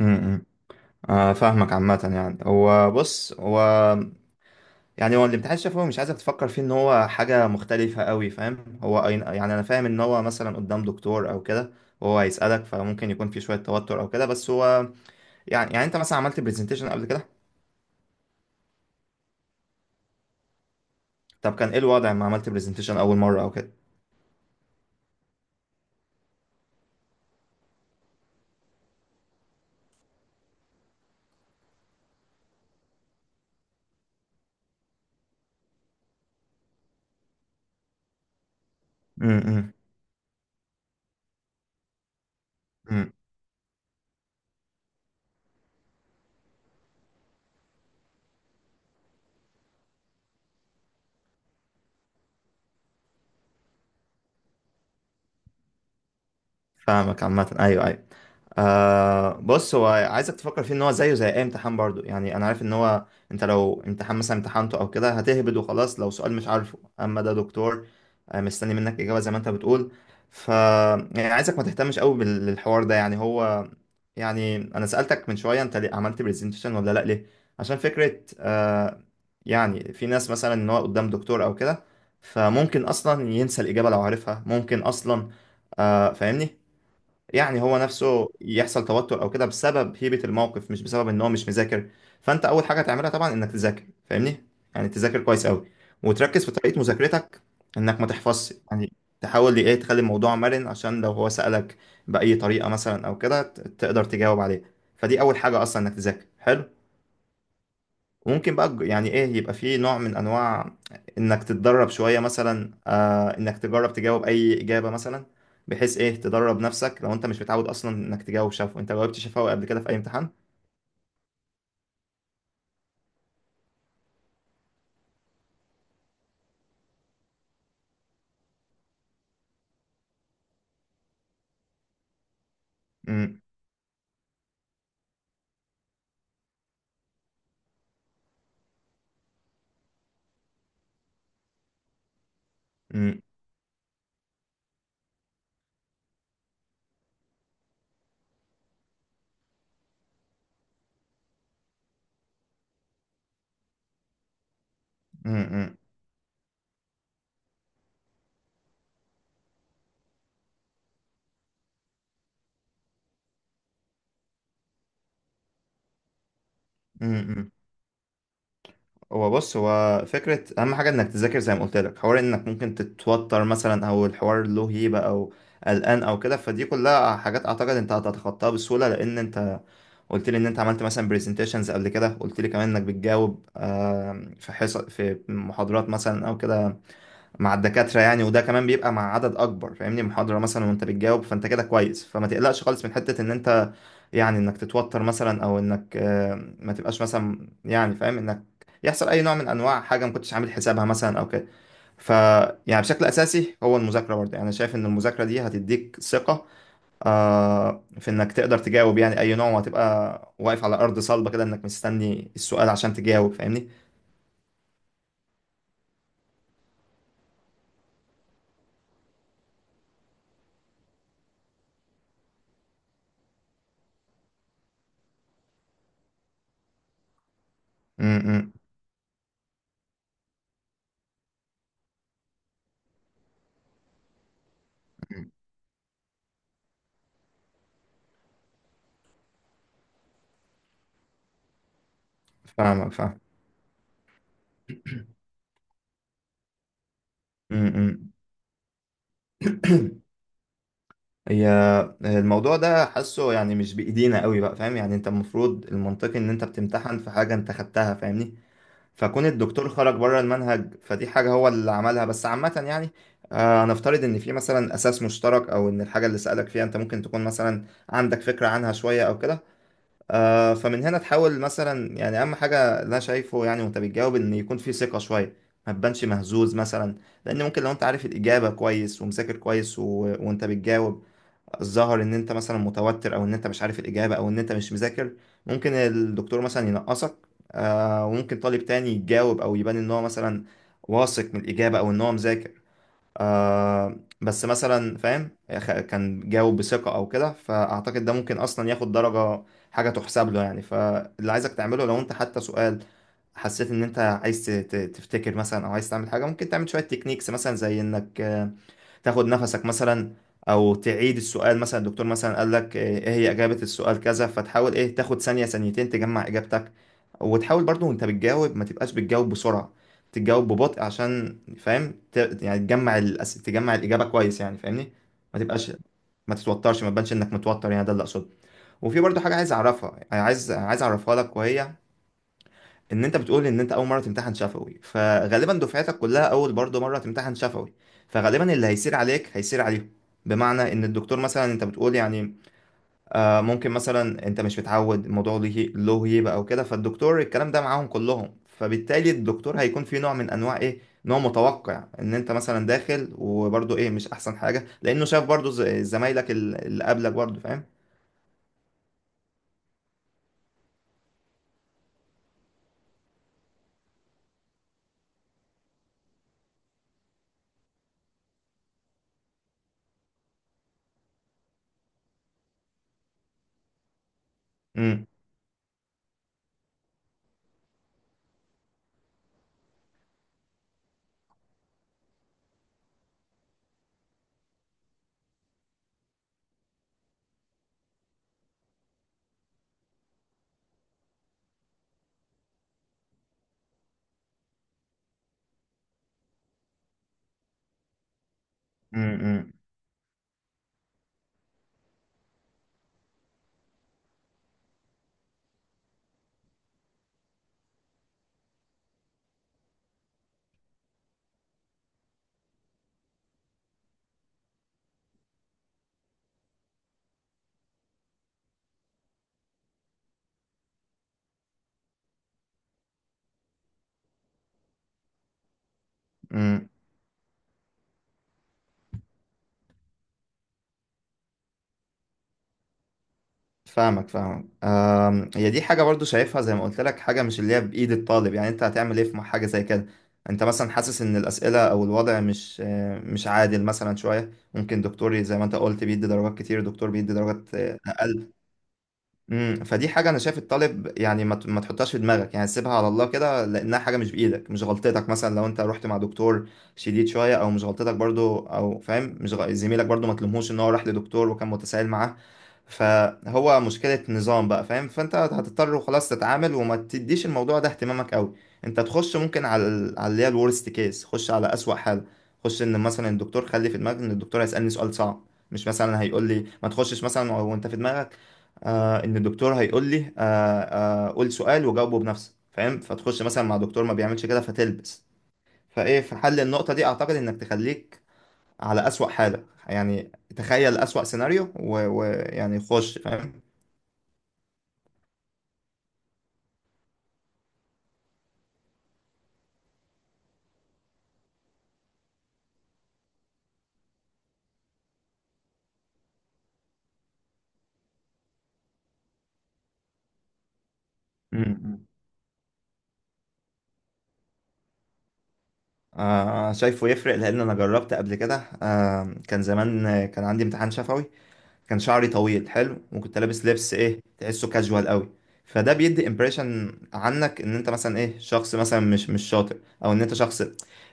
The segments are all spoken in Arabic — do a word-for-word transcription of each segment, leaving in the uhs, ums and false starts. امم آه، فاهمك. عامة يعني هو بص، هو يعني هو الامتحان الشفوي مش عايزك تفكر فيه ان هو حاجة مختلفة قوي. فاهم هو أي- يعني انا فاهم ان هو مثلا قدام دكتور او كده. وهو هيسألك، فممكن يكون في شوية توتر او كده. بس هو يعني يعني انت مثلا عملت برزنتيشن قبل كده؟ طب كان ايه الوضع لما عملت برزنتيشن اول مرة او كده؟ امم فاهمك. عامة ايوه، ايوه. آه، بص هو عايزك تفكر فيه ان هو زيه زي اي امتحان. برضو يعني انا عارف ان هو انت لو امتحان مثلا امتحنته او كده هتهبد وخلاص. لو سؤال مش عارفه، اما ده دكتور آه مستني منك اجابة زي ما انت بتقول. ف يعني عايزك ما تهتمش قوي بال- بالحوار ده، يعني هو يعني انا سألتك من شوية، انت ليه عملت برزنتيشن ولا لا؟ ليه؟ عشان فكرة آه، يعني في ناس مثلا ان هو قدام دكتور او كده، فممكن اصلا ينسى الاجابة لو عارفها، ممكن اصلا. آه، فاهمني. يعني هو نفسه يحصل توتر او كده بسبب هيبة الموقف، مش بسبب ان هو مش مذاكر. فانت اول حاجة تعملها طبعا انك تذاكر، فاهمني. يعني تذاكر كويس قوي، وتركز في طريقة مذاكرتك، انك ما تحفظش يعني. تحاول ايه تخلي الموضوع مرن، عشان لو هو سألك بأي طريقة مثلا او كده ت- تقدر تجاوب عليه. فدي اول حاجة، اصلا انك تذاكر حلو. وممكن بقى ج- يعني ايه، يبقى فيه نوع من انواع انك تتدرب شوية مثلا. آه، انك تجرب تجاوب اي اجابة مثلا، بحيث ايه تدرب نفسك. لو انت مش متعود اصلا انك تجاوب شفوي، انت جاوبت شفوي قبل كده في اي امتحان؟ امم امم امم هو بص، هو فكرة أهم حاجة إنك تذاكر زي ما قلت لك. حوار إنك ممكن تتوتر مثلا، أو الحوار له هيبة، أو قلقان أو كده، فدي كلها حاجات أعتقد أنت هتتخطاها بسهولة، لأن أنت قلت لي إن أنت عملت مثلا برزنتيشنز قبل كده، قلت لي كمان إنك بتجاوب آم، في حصص، في محاضرات مثلا أو كده مع الدكاترة يعني. وده كمان بيبقى مع عدد أكبر، فاهمني؟ محاضرة مثلا وأنت بتجاوب، فأنت كده كويس. فما تقلقش خالص من حتة إن أنت يعني إنك تتوتر مثلا، أو إنك آه، ما تبقاش مثلا، يعني فاهم إنك يحصل أي نوع من أنواع حاجة ما كنتش عامل حسابها مثلا أو كده. ف يعني بشكل أساسي هو المذاكرة برضه. يعني أنا شايف إن المذاكرة دي هتديك ثقة، آه، في إنك تقدر تجاوب يعني أي نوع، وهتبقى واقف على أرض صلبة كده، إنك مستني السؤال عشان تجاوب، فاهمني. م- م- م. فاهمك، فاهم. م- م. هي الموضوع ده حاسه يعني مش بإيدينا قوي بقى، فاهم. يعني انت المفروض المنطقي ان انت بتمتحن في حاجة انت خدتها، فاهمني. فكون الدكتور خرج بره المنهج فدي حاجة هو اللي عملها. بس عامة يعني آه، نفترض ان في مثلا اساس مشترك، او ان الحاجة اللي سألك فيها انت ممكن تكون مثلا عندك فكرة عنها شوية او كده. آه، فمن هنا تحاول مثلا. يعني اهم حاجة اللي انا شايفه، يعني وانت بتجاوب ان يكون في ثقة شوية، ما تبانش مهزوز مثلا. لان ممكن لو انت عارف الإجابة كويس ومذاكر كويس و... وانت بتجاوب ظهر ان انت مثلا متوتر، او ان انت مش عارف الاجابه، او ان انت مش مذاكر، ممكن الدكتور مثلا ينقصك. آه، وممكن طالب تاني يتجاوب او يبان ان هو مثلا واثق من الاجابه او ان هو مذاكر، آه، بس مثلا فاهم خ- كان جاوب بثقه او كده، فاعتقد ده ممكن اصلا ياخد درجه، حاجه تحسب له يعني. فاللي عايزك تعمله، لو انت حتى سؤال حسيت ان انت عايز ت- ت- تفتكر مثلا، او عايز تعمل حاجه، ممكن تعمل شويه تكنيكس مثلا، زي انك تاخد نفسك مثلا، او تعيد السؤال. مثلا الدكتور مثلا قال لك آه، ايه هي اجابة السؤال كذا، فتحاول ايه تاخد ثانية ثانيتين تجمع اجابتك. وتحاول برضو وانت بتجاوب ما تبقاش بتجاوب بسرعة، تجاوب ببطء عشان فاهم ت- يعني تجمع الأس... تجمع الإجابة كويس يعني، فاهمني. ما تبقاش، ما تتوترش، ما تبانش انك متوتر يعني، ده اللي اقصده. وفي برضو حاجة عايز اعرفها، يعني عايز عايز اعرفها لك، وهي ان انت بتقول ان انت اول مره تمتحن شفوي، فغالبا دفعتك كلها اول برضه مره تمتحن شفوي، فغالبا اللي هيسير عليك هيسير عليهم. بمعنى ان الدكتور مثلا، انت بتقول يعني آه ممكن مثلا انت مش متعود الموضوع، له له هيبه او كده. فالدكتور الكلام ده معاهم كلهم، فبالتالي الدكتور هيكون في نوع من انواع، ايه، نوع متوقع ان انت مثلا داخل، وبرضه ايه مش احسن حاجه لانه شاف برضه ز- زمايلك ال- اللي قبلك برضه، فاهم. امم امم امم، امم. فاهمك فاهمك أم، هي دي حاجة برضو شايفها زي ما قلت لك، حاجة مش اللي هي بإيد الطالب. يعني انت هتعمل ايه في حاجة زي كده؟ انت مثلا حاسس ان الأسئلة او الوضع مش آه، مش عادل مثلا شوية. ممكن دكتور زي ما انت قلت بيدي درجات كتير، دكتور بيدي درجات آه، أقل. امم فدي حاجة أنا شايف الطالب يعني ما ت- ما تحطهاش في دماغك، يعني سيبها على الله كده، لأنها حاجة مش بإيدك. مش غلطتك مثلا لو أنت رحت مع دكتور شديد شوية، أو مش غلطتك برضو، أو فاهم مش غ... زميلك برضو ما تلومهوش إن هو راح لدكتور وكان متسائل معاه. فهو مشكلة نظام بقى، فاهم. فأنت هتضطر خلاص تتعامل، وما تديش الموضوع ده اهتمامك أوي. أنت تخش ممكن على ال- على اللي هي الورست كيس، خش على أسوأ حالة. خش إن مثلا الدكتور، خلي في دماغك إن الدكتور هيسألني سؤال صعب، مش مثلا هيقول لي ما تخشش. مثلا وانت في دماغك آه ان الدكتور هيقول لي، آه آه قول سؤال وجاوبه بنفسك، فاهم، فتخش مثلا مع دكتور ما بيعملش كده فتلبس. فايه في حل النقطة دي، اعتقد انك تخليك على أسوأ حالة، يعني تخيل أسوأ سيناريو و- ويعني خش، فاهم. مم. آه شايفه يفرق لأن أنا جربت قبل كده. آه كان زمان، آه، كان عندي امتحان شفوي، كان شعري طويل حلو، وكنت لابس لبس ايه تحسه كاجوال قوي. فده بيدي امبريشن عنك ان انت مثلا ايه شخص مثلا مش مش شاطر، او ان انت شخص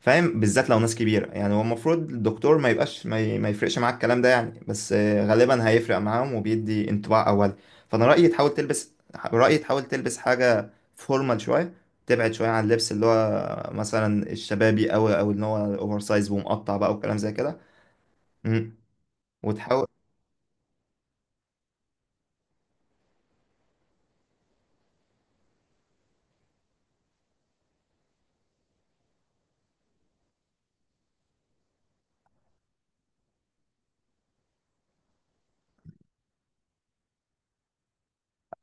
فاهم، بالذات لو ناس كبيره. يعني هو المفروض الدكتور ما يبقاش ما, ي... ما يفرقش معاك الكلام ده يعني، بس آه، غالبا هيفرق معاهم وبيدي انطباع اولي. فانا رايي تحاول تلبس، رايي تحاول تلبس حاجه فورمال شويه، تبعد شويه عن اللبس اللي هو مثلا الشبابي قوي، او ان هو اوفر سايز ومقطع بقى وكلام زي كده. مم. وتحاول.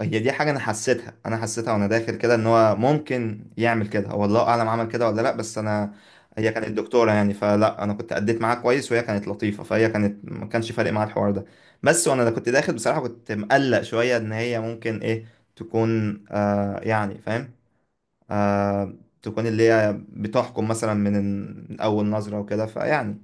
هي دي حاجة أنا حسيتها أنا حسيتها وأنا داخل كده، إن هو ممكن يعمل كده. هو الله أعلم عمل كده ولا لأ، بس أنا هي كانت دكتورة يعني، فلا أنا كنت أديت معاها كويس، وهي كانت لطيفة، فهي كانت ما كانش فارق معاها الحوار ده. بس وأنا كنت داخل بصراحة كنت مقلق شوية إن هي ممكن إيه تكون، آه يعني فاهم، آه تكون اللي هي بتحكم مثلا من أول نظرة وكده، فيعني